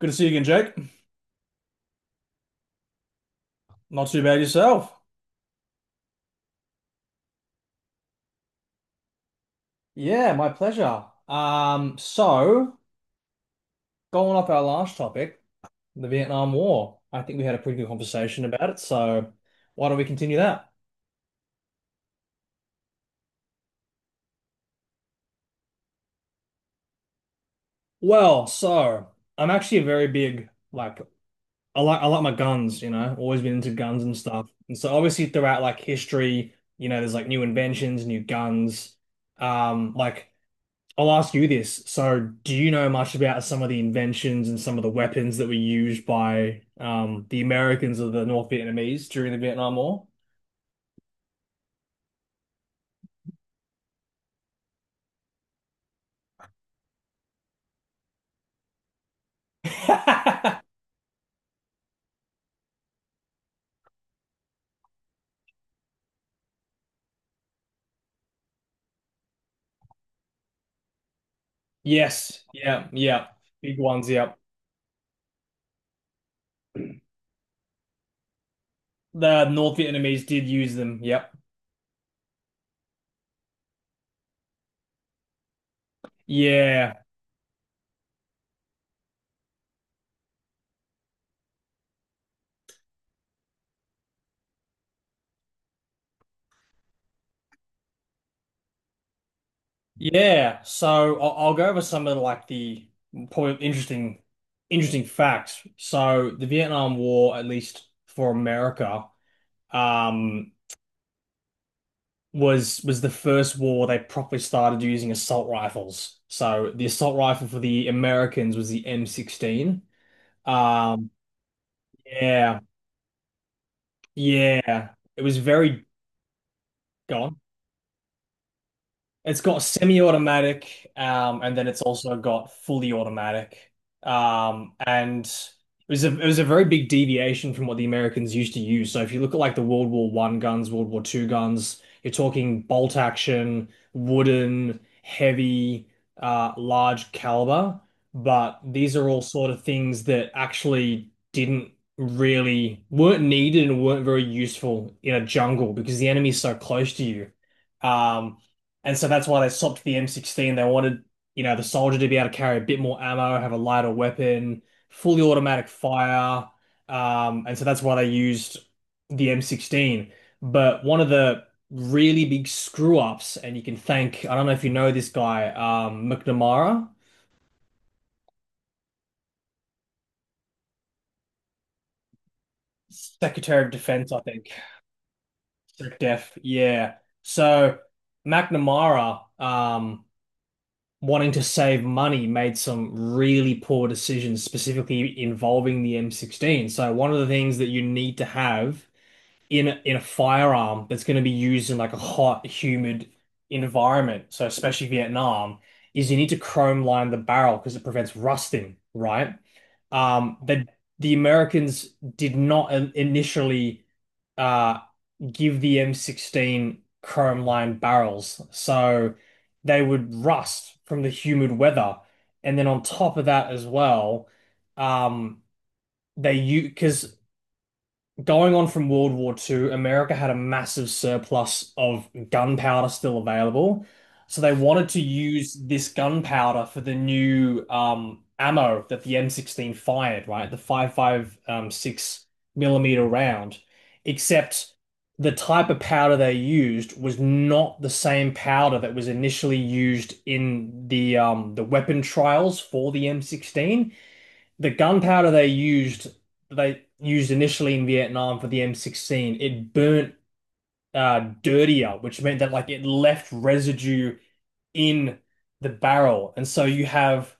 Good to see you again, Jake. Not too bad yourself. Yeah, my pleasure. So going off our last topic, the Vietnam War. I think we had a pretty good conversation about it, so why don't we continue that? Well, I'm actually a very big like I like my guns, you know, always been into guns and stuff. And so obviously throughout like history, you know, there's like new inventions, new guns. Um, like I'll ask you this. So, do you know much about some of the inventions and some of the weapons that were used by the Americans or the North Vietnamese during the Vietnam War? Yes. Yeah. Yeah. Big ones. Yep. The North Vietnamese did use them. Yep. Yeah. Yeah. So I'll go over some of like the probably interesting, interesting facts. So the Vietnam War, at least for America, um, was the first war they properly started using assault rifles. So the assault rifle for the Americans was the M16. Um, yeah, yeah, it was very gone. It's got semi-automatic, and then it's also got fully automatic. And it was a very big deviation from what the Americans used to use. So if you look at like the World War One guns, World War Two guns, you're talking bolt action, wooden, heavy, large caliber. But these are all sort of things that actually didn't really weren't needed and weren't very useful in a jungle because the enemy's so close to you. Um, and so that's why they swapped the M16. They wanted, you know, the soldier to be able to carry a bit more ammo, have a lighter weapon, fully automatic fire. And so that's why they used the M16. But one of the really big screw ups, and you can thank, I don't know if you know this guy, McNamara, Secretary of Defense, I think. SecDef, yeah. So McNamara, wanting to save money made some really poor decisions, specifically involving the M16. So one of the things that you need to have in a firearm that's going to be used in like a hot, humid environment, so especially Vietnam, is you need to chrome line the barrel because it prevents rusting, right? But the Americans did not initially uh, give the M16 chrome lined barrels, so they would rust from the humid weather. And then on top of that as well, um, they use because going on from World War Two, America had a massive surplus of gunpowder still available. So they wanted to use this gunpowder for the new ammo that the M16 fired, right? The 5.56 millimeter round. Except the type of powder they used was not the same powder that was initially used in the weapon trials for the M16, the gunpowder they used initially in Vietnam for the M16, it burnt dirtier, which meant that like it left residue in the barrel. And so you have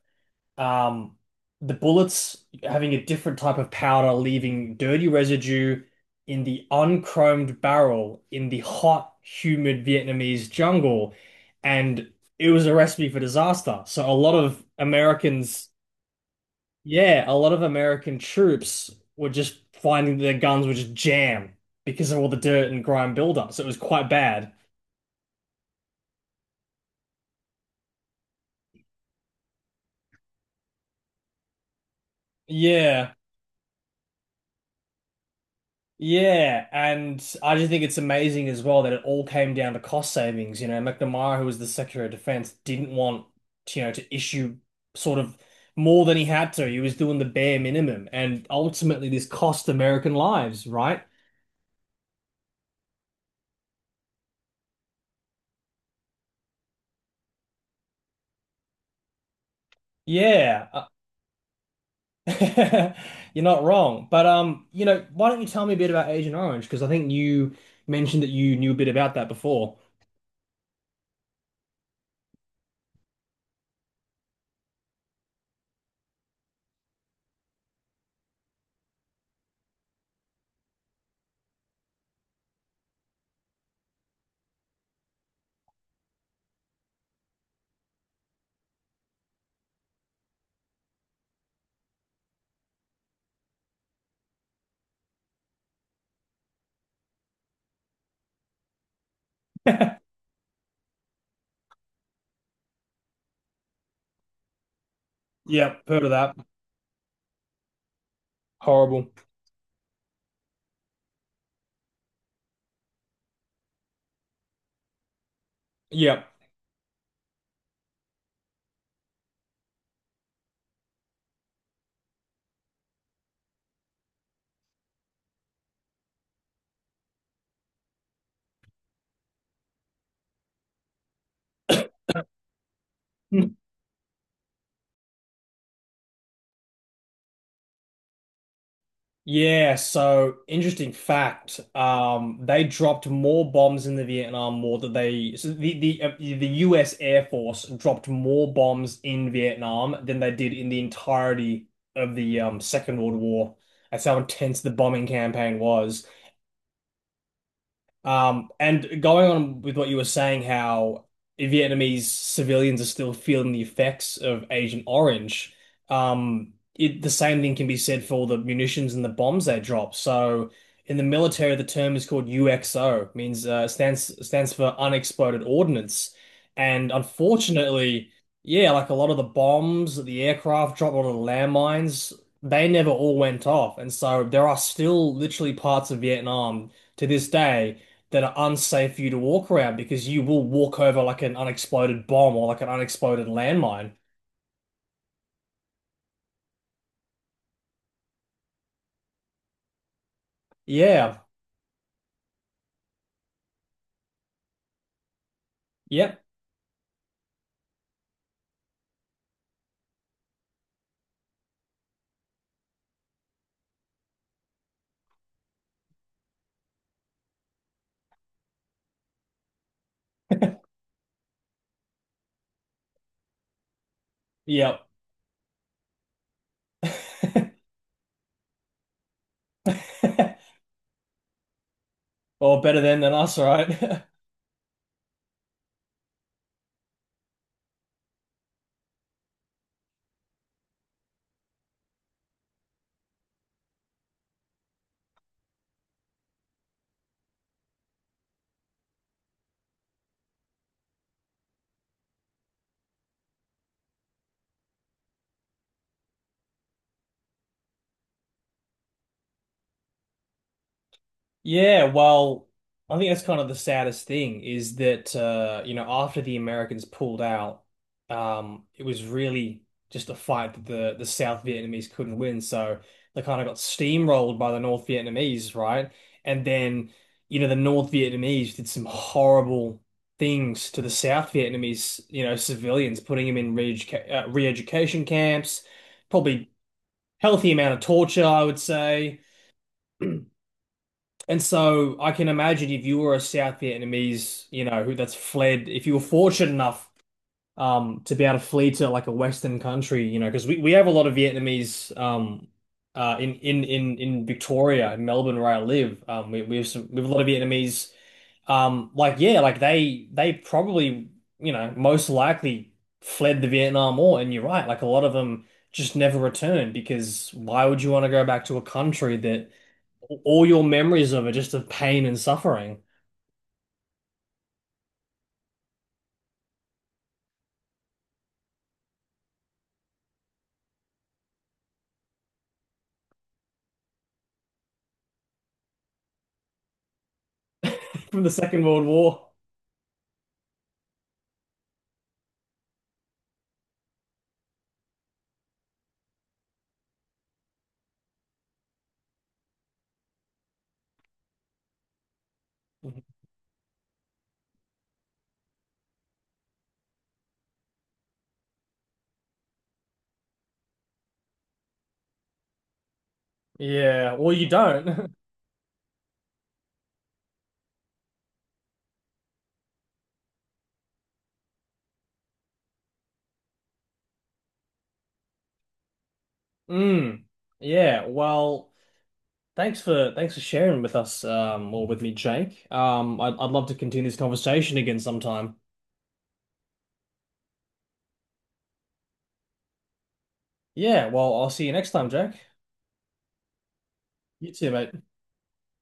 um the bullets having a different type of powder leaving dirty residue in the unchromed barrel in the hot humid Vietnamese jungle, and it was a recipe for disaster. So a lot of Americans, yeah, a lot of American troops were just finding their guns were just jammed because of all the dirt and grime buildup, so it was quite bad. Yeah, yeah, and I just think it's amazing as well that it all came down to cost savings. You know, McNamara, who was the Secretary of Defense, didn't want to, you know, to issue sort of more than he had to. He was doing the bare minimum, and ultimately this cost American lives, right? Yeah. You're not wrong. But you know, why don't you tell me a bit about Agent Orange? Because I think you mentioned that you knew a bit about that before. Yep, heard of that. Horrible. Yep. Hmm. Yeah, so interesting fact. They dropped more bombs in the Vietnam War than they, the U.S. Air Force dropped more bombs in Vietnam than they did in the entirety of the Second World War. That's how intense the bombing campaign was. And going on with what you were saying, how Vietnamese civilians are still feeling the effects of Agent Orange, the same thing can be said for all the munitions and the bombs they drop. So in the military, the term is called UXO, means stands for unexploded ordnance. And unfortunately, yeah, like a lot of the bombs the aircraft drop, a lot of the landmines, they never all went off. And so there are still literally parts of Vietnam to this day that are unsafe for you to walk around because you will walk over like an unexploded bomb or like an unexploded landmine. Yeah. Yep. Yep. Well, better then than us, right? Yeah, well, I think that's kind of the saddest thing is that you know, after the Americans pulled out, it was really just a fight that the South Vietnamese couldn't win. So they kind of got steamrolled by the North Vietnamese, right? And then, you know, the North Vietnamese did some horrible things to the South Vietnamese, you know, civilians, putting them in re-education camps, probably healthy amount of torture, I would say. And so I can imagine if you were a South Vietnamese, you know, who that's fled, if you were fortunate enough to be able to flee to like a Western country, you know, because we have a lot of Vietnamese in Victoria, in Melbourne where I live. We have a lot of Vietnamese yeah, like they probably, you know, most likely fled the Vietnam War. And you're right, like a lot of them just never returned because why would you want to go back to a country that all your memories of are just of pain and suffering? From the Second World War? Yeah, or you don't. Mm. Yeah. Well, thanks for sharing with us, or with me, Jake. I'd love to continue this conversation again sometime. Yeah. Well, I'll see you next time, Jack. You too, mate.